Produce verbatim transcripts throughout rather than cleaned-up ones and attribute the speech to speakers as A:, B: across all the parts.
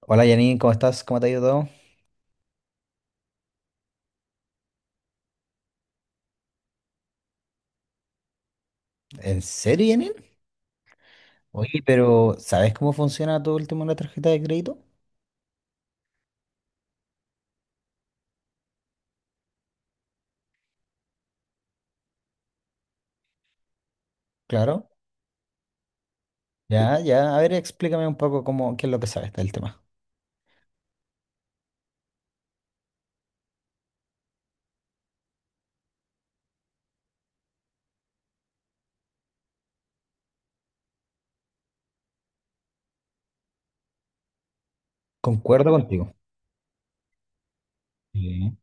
A: Hola Janine, ¿cómo estás? ¿Cómo te ha ido todo? ¿En serio, Janine? Oye, pero ¿sabes cómo funciona todo el tema de la tarjeta de crédito? Claro. Ya, ya. A ver, explícame un poco cómo, qué es lo que sabes del tema. Concuerdo contigo. Sí,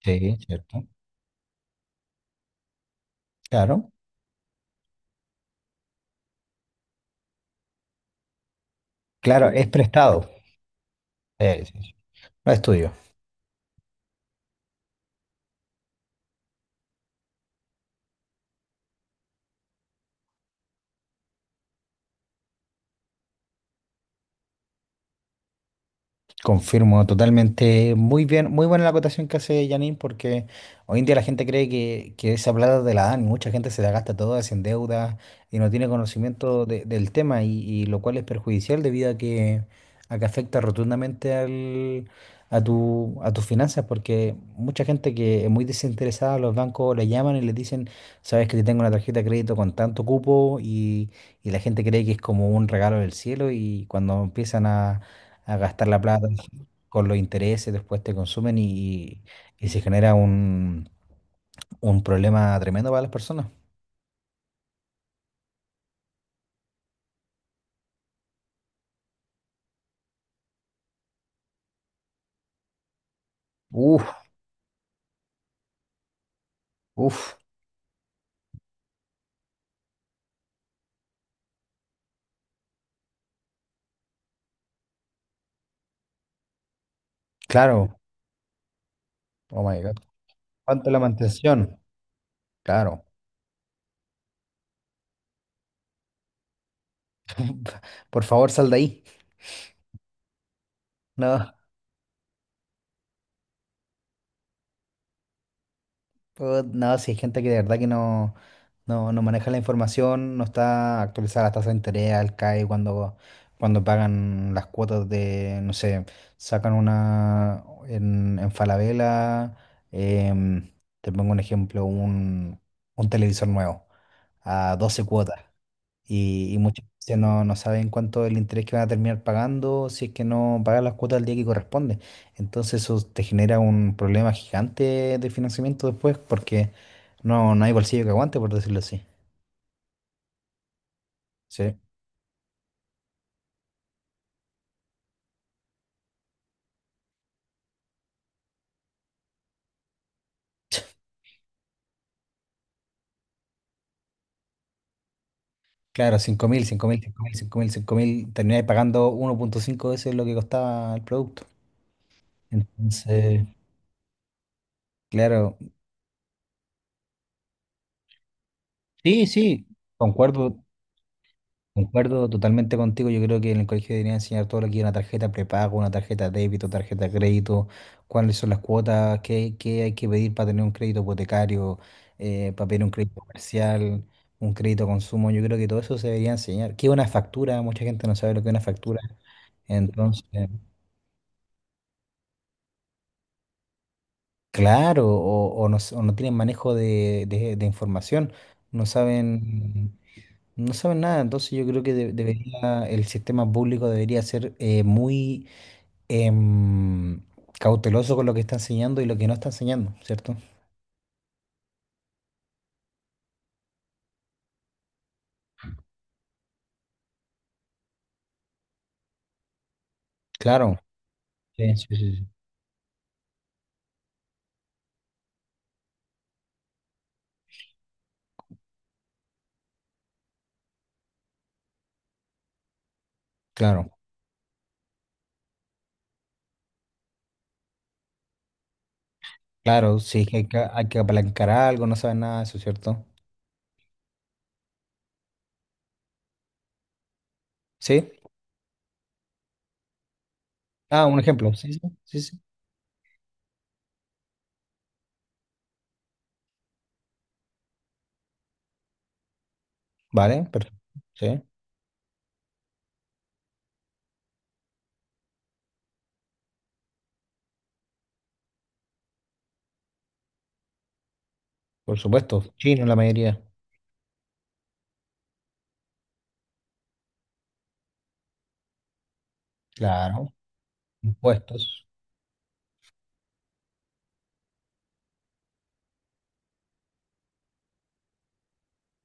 A: sí, cierto. Claro. Claro, es prestado. Sí, sí, sí. No es tuyo. Confirmo totalmente. Muy bien, muy buena la acotación que hace Janine, porque hoy en día la gente cree que, que esa plata de la dan y mucha gente se la gasta toda, se endeuda y no tiene conocimiento de- del tema, y, y lo cual es perjudicial debido a que, a que afecta rotundamente al, a tu, a tus finanzas, porque mucha gente que es muy desinteresada, los bancos le llaman y les dicen, sabes que te tengo una tarjeta de crédito con tanto cupo, y, y la gente cree que es como un regalo del cielo, y cuando empiezan a a gastar la plata con los intereses, después te consumen y, y se genera un, un problema tremendo para las personas. Uf, uf, claro. Oh my God. ¿Cuánto la mantención? Claro. Por favor, sal de ahí. No. Pues, no, si hay gente que de verdad que no, no, no maneja la información, no está actualizada la tasa de interés, al CAE cuando, cuando pagan las cuotas de, no sé, sacan una en, en Falabella, em, te pongo un ejemplo, un, un televisor nuevo a doce cuotas. Y, y muchas veces no, no saben cuánto es el interés que van a terminar pagando si es que no pagan las cuotas al día que corresponde. Entonces eso te genera un problema gigante de financiamiento después porque no, no hay bolsillo que aguante, por decirlo así. Sí. Claro, cinco cinco cinco mil mil mil cinco mil cinco mil termináis pagando uno punto cinco veces lo que costaba el producto. Entonces, claro, sí, sí, concuerdo, Concuerdo totalmente contigo. Yo creo que en el colegio deberían enseñar todo lo que es una tarjeta prepago, una tarjeta débito, tarjeta crédito, cuáles son las cuotas, qué, qué hay que pedir para tener un crédito hipotecario, eh, para pedir un crédito comercial, un crédito consumo. Yo creo que todo eso se debería enseñar. ¿Qué es una factura? Mucha gente no sabe lo que es una factura. Entonces, claro, o, o no, s- o no tienen manejo de, de- de información, no saben, no saben nada. Entonces yo creo que de- debería, el sistema público debería ser eh, muy em, cauteloso con lo que está enseñando y lo que no está enseñando, ¿cierto? Claro, sí, sí, sí, sí. Claro, claro, sí, que hay que, hay que apalancar algo, no saben nada de eso, ¿cierto? Sí, ah, un ejemplo, sí, sí, sí, sí. Vale, perfecto, sí, por supuesto, chino la mayoría, claro, impuestos.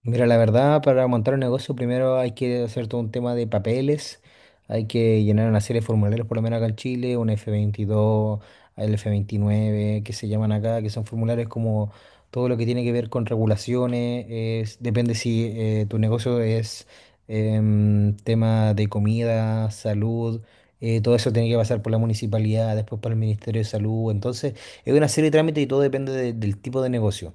A: Mira, la verdad, para montar un negocio primero hay que hacer todo un tema de papeles, hay que llenar una serie de formularios, por lo menos acá en Chile, un F veintidós, el F veintinueve, que se llaman acá, que son formularios como todo lo que tiene que ver con regulaciones, es- depende si eh, tu negocio es em, tema de comida, salud, eh, todo eso tiene que pasar por la municipalidad, después por el Ministerio de Salud, entonces es una serie de trámites y todo depende de- del tipo de negocio.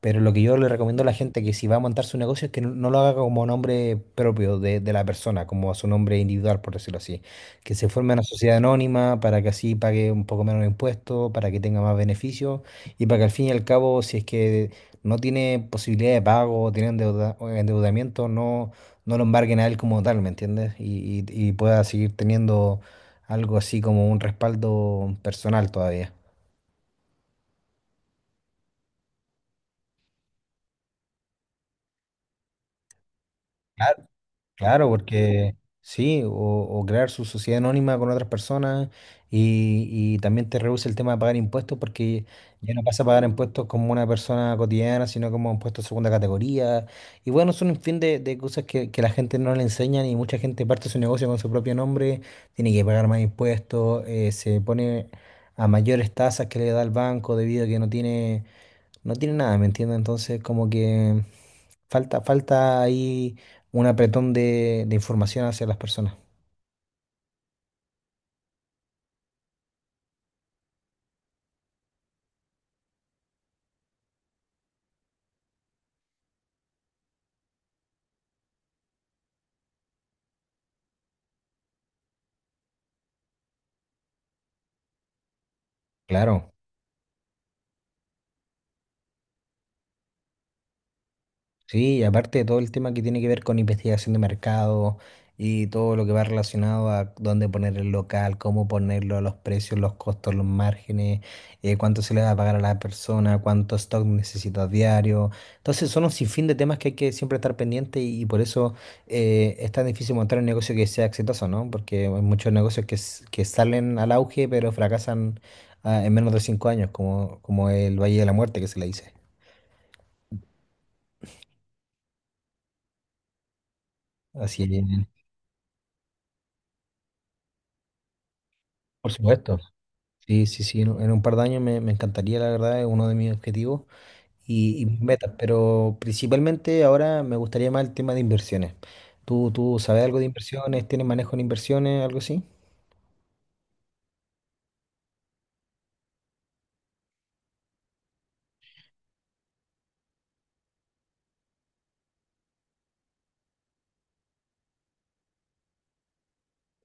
A: Pero lo que yo le recomiendo a la gente que si va a montar su negocio es que no, no lo haga como nombre propio de, de la persona, como a su nombre individual, por decirlo así. Que se forme una sociedad anónima para que así pague un poco menos de impuestos, para que tenga más beneficios y para que al fin y al cabo, si es que no tiene posibilidad de pago, o tiene endeuda- o endeudamiento, no, no lo embarguen a él como tal, ¿me entiendes? Y, y y pueda seguir teniendo algo así como un respaldo personal todavía. Claro, porque sí, o, o crear su sociedad anónima con otras personas y, y también te reduce el tema de pagar impuestos porque ya no pasa a pagar impuestos como una persona cotidiana, sino como impuestos de segunda categoría. Y bueno, son un fin de, de cosas que, que la gente no le enseñan y mucha gente parte su negocio con su propio nombre, tiene que pagar más impuestos, eh, se pone a mayores tasas que le da el banco debido a que no tiene... No tiene nada, ¿me entiendes? Entonces, como que falta, falta ahí un apretón de, de información hacia las personas. Claro. Sí, y aparte de todo el tema que tiene que ver con investigación de mercado y todo lo que va relacionado a dónde poner el local, cómo ponerlo, los precios, los costos, los márgenes, eh, cuánto se le va a pagar a la persona, cuánto stock necesitas diario. Entonces son un sinfín de temas que hay que siempre estar pendiente y, y por eso eh, es tan difícil montar un negocio que sea exitoso, ¿no? Porque hay muchos negocios que, s- que salen al auge pero fracasan ah, en menos de cinco años, como, como el Valle de la Muerte que se le dice. Así, por supuesto. Sí, sí, sí, en en un par de años me, me encantaría, la verdad, es uno de mis objetivos y, y mis metas, pero principalmente ahora me gustaría más el tema de inversiones. ¿Tú, tú sabes algo de inversiones? ¿Tienes manejo en inversiones, algo así?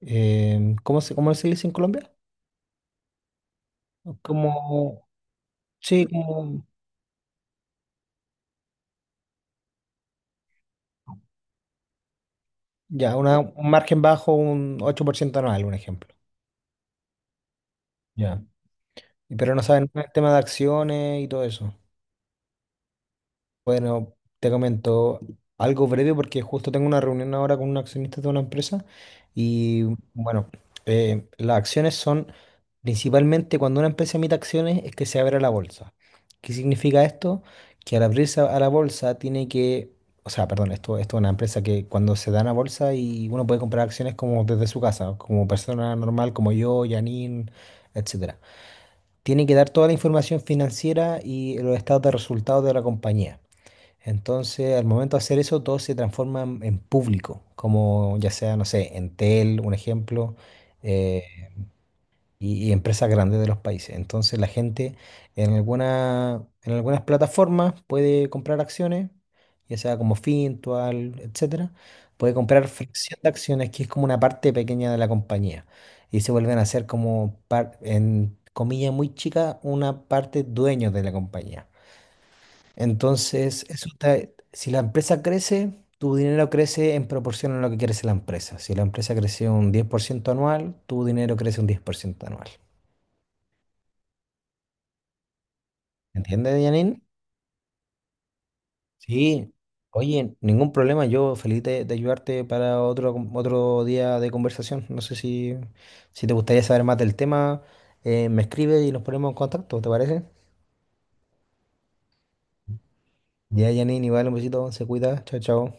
A: Em, ¿cómo se, cómo se dice en Colombia? Como, sí, como, ya, una- un margen bajo, un ocho por ciento anual, un ejemplo. Ya. Y Pero no saben el tema de acciones y todo eso. Bueno, te comento algo breve porque justo tengo una reunión ahora con un accionista de una empresa y bueno, eh, las acciones son principalmente cuando una empresa emite acciones es que se abre a la bolsa. ¿Qué significa esto? Que al abrirse a la bolsa tiene que, o sea, perdón, esto, esto es una empresa que cuando se da a bolsa y uno puede comprar acciones como desde su casa, como persona normal como yo, Janine, etcétera. Tiene que dar toda la información financiera y los estados de resultados de la compañía. Entonces, al momento de hacer eso, todo se transforma en en público, como ya sea, no sé, Entel, un ejemplo, eh, y, y empresas grandes de los países. Entonces, la gente en alguna, en algunas plataformas puede comprar acciones, ya sea como Fintual, etcétera. Puede comprar fracción de acciones, que es como una parte pequeña de la compañía. Y se vuelven a ser como, par- en comillas muy chicas, una parte dueños de la compañía. Entonces, eso te- si la empresa crece, tu dinero crece en proporción a lo que crece la empresa. Si la empresa crece un diez por ciento anual, tu dinero crece un diez por ciento anual. ¿Entiendes, Janine? Sí. Oye, ningún problema. Yo feliz de, de ayudarte para otro, con- otro día de conversación. No sé si, si te gustaría saber más del tema, eh, me escribes y nos ponemos en contacto, ¿te parece? Ya, Janine, igual un besito, se cuida. Chao, chao.